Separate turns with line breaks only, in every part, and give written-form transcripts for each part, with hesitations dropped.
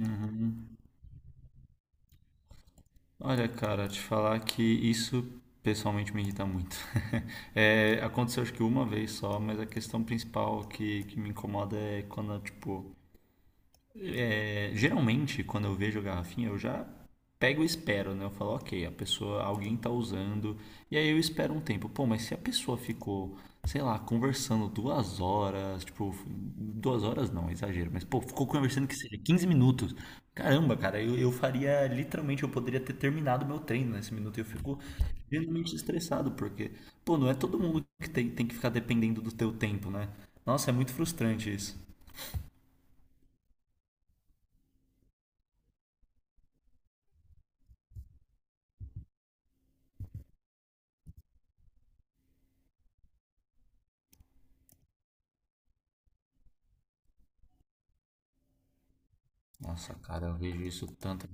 Uhum. Olha, cara, te falar que isso pessoalmente me irrita muito. Aconteceu acho que uma vez só, mas a questão principal que me incomoda é quando, tipo, geralmente, quando eu vejo a garrafinha, eu já pego e espero, né? Eu falo, ok, a pessoa, alguém tá usando, e aí eu espero um tempo. Pô, mas se a pessoa ficou, sei lá, conversando 2 horas, tipo, 2 horas não, é exagero, mas pô, ficou conversando que seja 15 minutos. Caramba, cara, eu faria, literalmente, eu poderia ter terminado meu treino nesse minuto, e eu fico genuinamente estressado, porque, pô, não é todo mundo que tem, tem que ficar dependendo do teu tempo, né? Nossa, é muito frustrante isso. Nossa, cara, eu vejo isso tanto.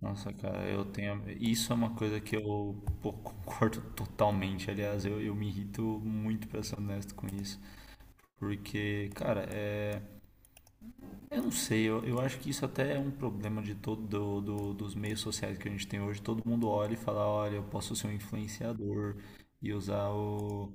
Nossa, cara, eu tenho. Isso é uma coisa que eu pô, concordo totalmente. Aliás, eu me irrito muito, pra ser honesto com isso. Porque, cara, é. Eu não sei, eu acho que isso até é um problema de todo dos meios sociais que a gente tem hoje. Todo mundo olha e fala, olha, eu posso ser um influenciador e usar o,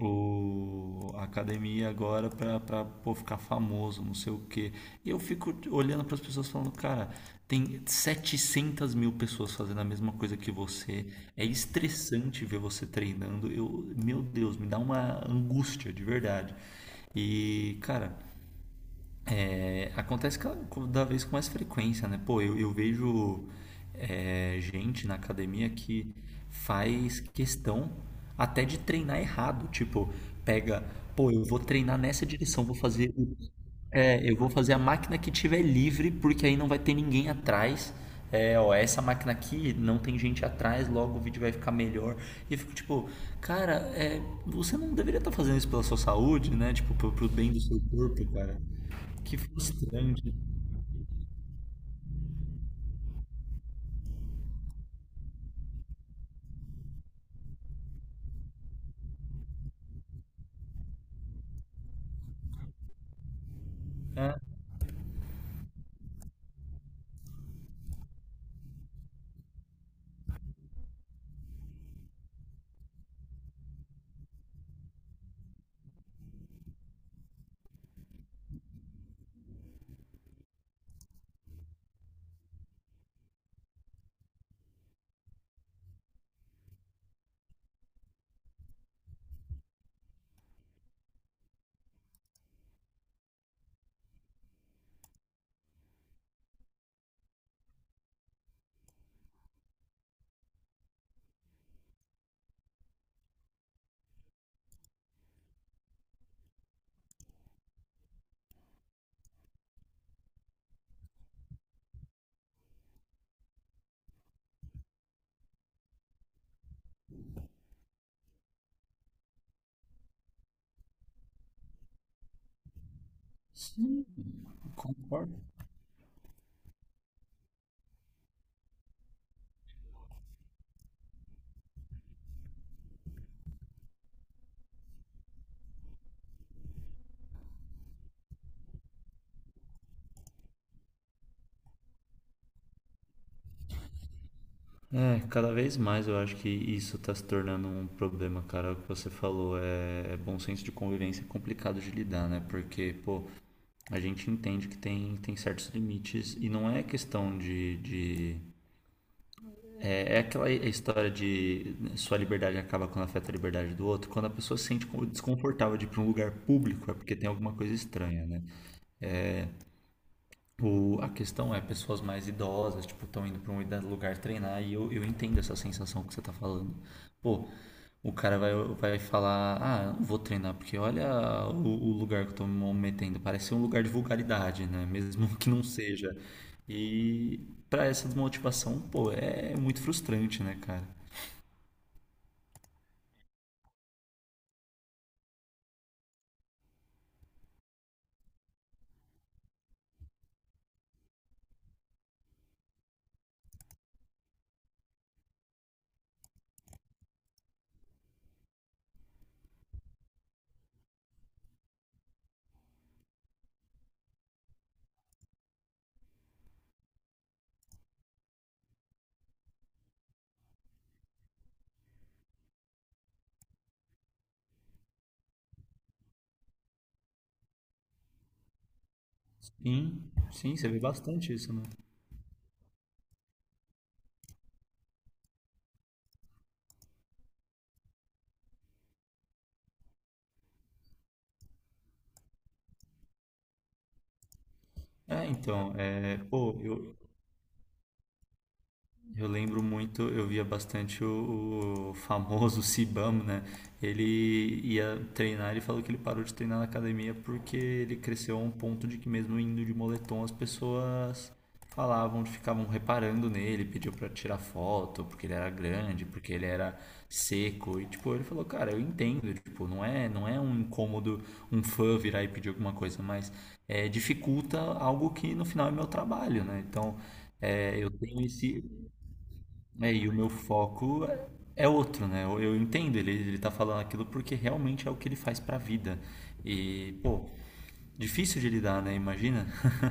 o, a academia agora para pra pô, ficar famoso, não sei o quê. E eu fico olhando para as pessoas falando, cara, tem 700 mil pessoas fazendo a mesma coisa que você. É estressante ver você treinando. Eu, meu Deus, me dá uma angústia de verdade. E, cara, acontece cada vez com mais frequência, né? Pô, eu vejo gente na academia que faz questão até de treinar errado. Tipo, pega, pô, eu vou treinar nessa direção, vou fazer, eu vou fazer a máquina que tiver livre, porque aí não vai ter ninguém atrás. É, ó, essa máquina aqui não tem gente atrás, logo o vídeo vai ficar melhor. E eu fico tipo, cara, é, você não deveria estar fazendo isso pela sua saúde, né? Tipo, pro bem do seu corpo, cara. Que frustrante. É, sim, concordo. É, cada vez mais eu acho que isso está se tornando um problema, cara. O que você falou é, é bom senso de convivência é complicado de lidar, né? Porque, pô, a gente entende que tem, tem certos limites e não é questão de é aquela é história de sua liberdade acaba quando afeta a liberdade do outro. Quando a pessoa se sente desconfortável de ir para um lugar público, é porque tem alguma coisa estranha, né? O, a questão é pessoas mais idosas, tipo, estão indo para um lugar treinar e eu entendo essa sensação que você tá falando. Pô, o cara vai falar, ah, eu não vou treinar, porque olha o lugar que eu tô me metendo, parece ser um lugar de vulgaridade, né? Mesmo que não seja. E para essa desmotivação, pô, é muito frustrante, né, cara? Sim, sim, você vê bastante isso, né? É, então, é, pô, eu lembro muito, eu via bastante o famoso Sibam né? Ele ia treinar, ele falou que ele parou de treinar na academia porque ele cresceu a um ponto de que mesmo indo de moletom as pessoas falavam, ficavam reparando nele, pediu pra tirar foto, porque ele era grande, porque ele era seco e tipo, ele falou, cara, eu entendo, tipo, não é um incômodo um fã virar e pedir alguma coisa, mas é, dificulta algo que no final é meu trabalho, né? Então, eu tenho esse, é, e o meu foco é outro, né? Eu entendo ele, ele tá falando aquilo porque realmente é o que ele faz pra vida. E, pô, difícil de lidar, né? Imagina.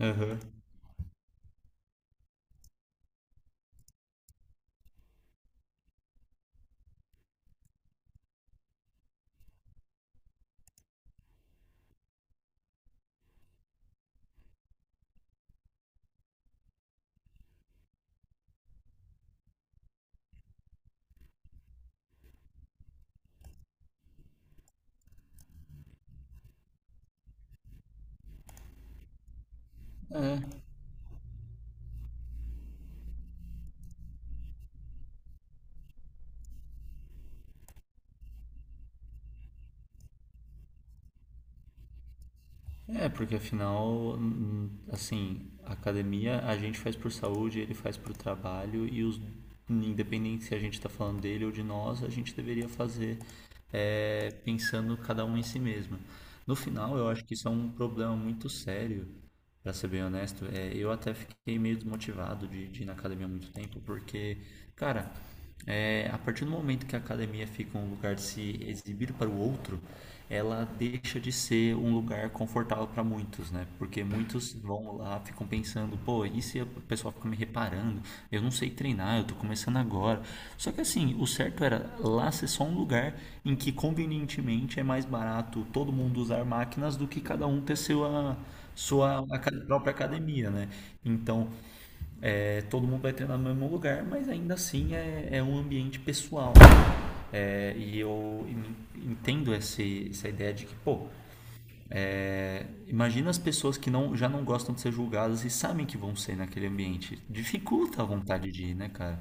Aham. É, porque afinal, assim, a academia a gente faz por saúde, ele faz por trabalho e os, independente se a gente tá falando dele ou de nós, a gente deveria fazer pensando cada um em si mesmo. No final, eu acho que isso é um problema muito sério. Pra ser bem honesto, é, eu até fiquei meio desmotivado de ir na academia há muito tempo, porque, cara, é, a partir do momento que a academia fica um lugar de se exibir para o outro, ela deixa de ser um lugar confortável para muitos, né? Porque muitos vão lá, ficam pensando, pô, e se o pessoal fica me reparando? Eu não sei treinar, eu tô começando agora. Só que assim, o certo era lá ser só um lugar em que convenientemente é mais barato todo mundo usar máquinas do que cada um ter seu, ah, própria academia, né? Então, é, todo mundo vai treinar no mesmo lugar, mas ainda assim é um ambiente pessoal. É, e eu entendo essa ideia de que, pô, é, imagina as pessoas que não, já não gostam de ser julgadas e sabem que vão ser naquele ambiente. Dificulta a vontade de ir, né, cara?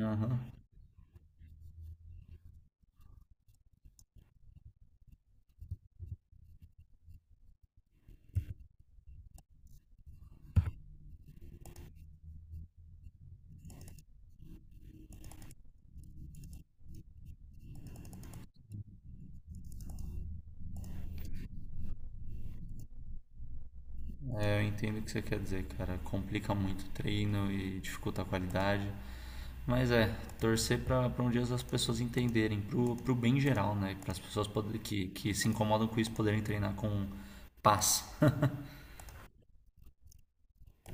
Aham. É, eu entendo o que você quer dizer, cara. Complica muito o treino e dificulta a qualidade. Mas é, torcer para um dia as pessoas entenderem, pro bem geral, né? Para as pessoas poder, que se incomodam com isso poderem treinar com paz.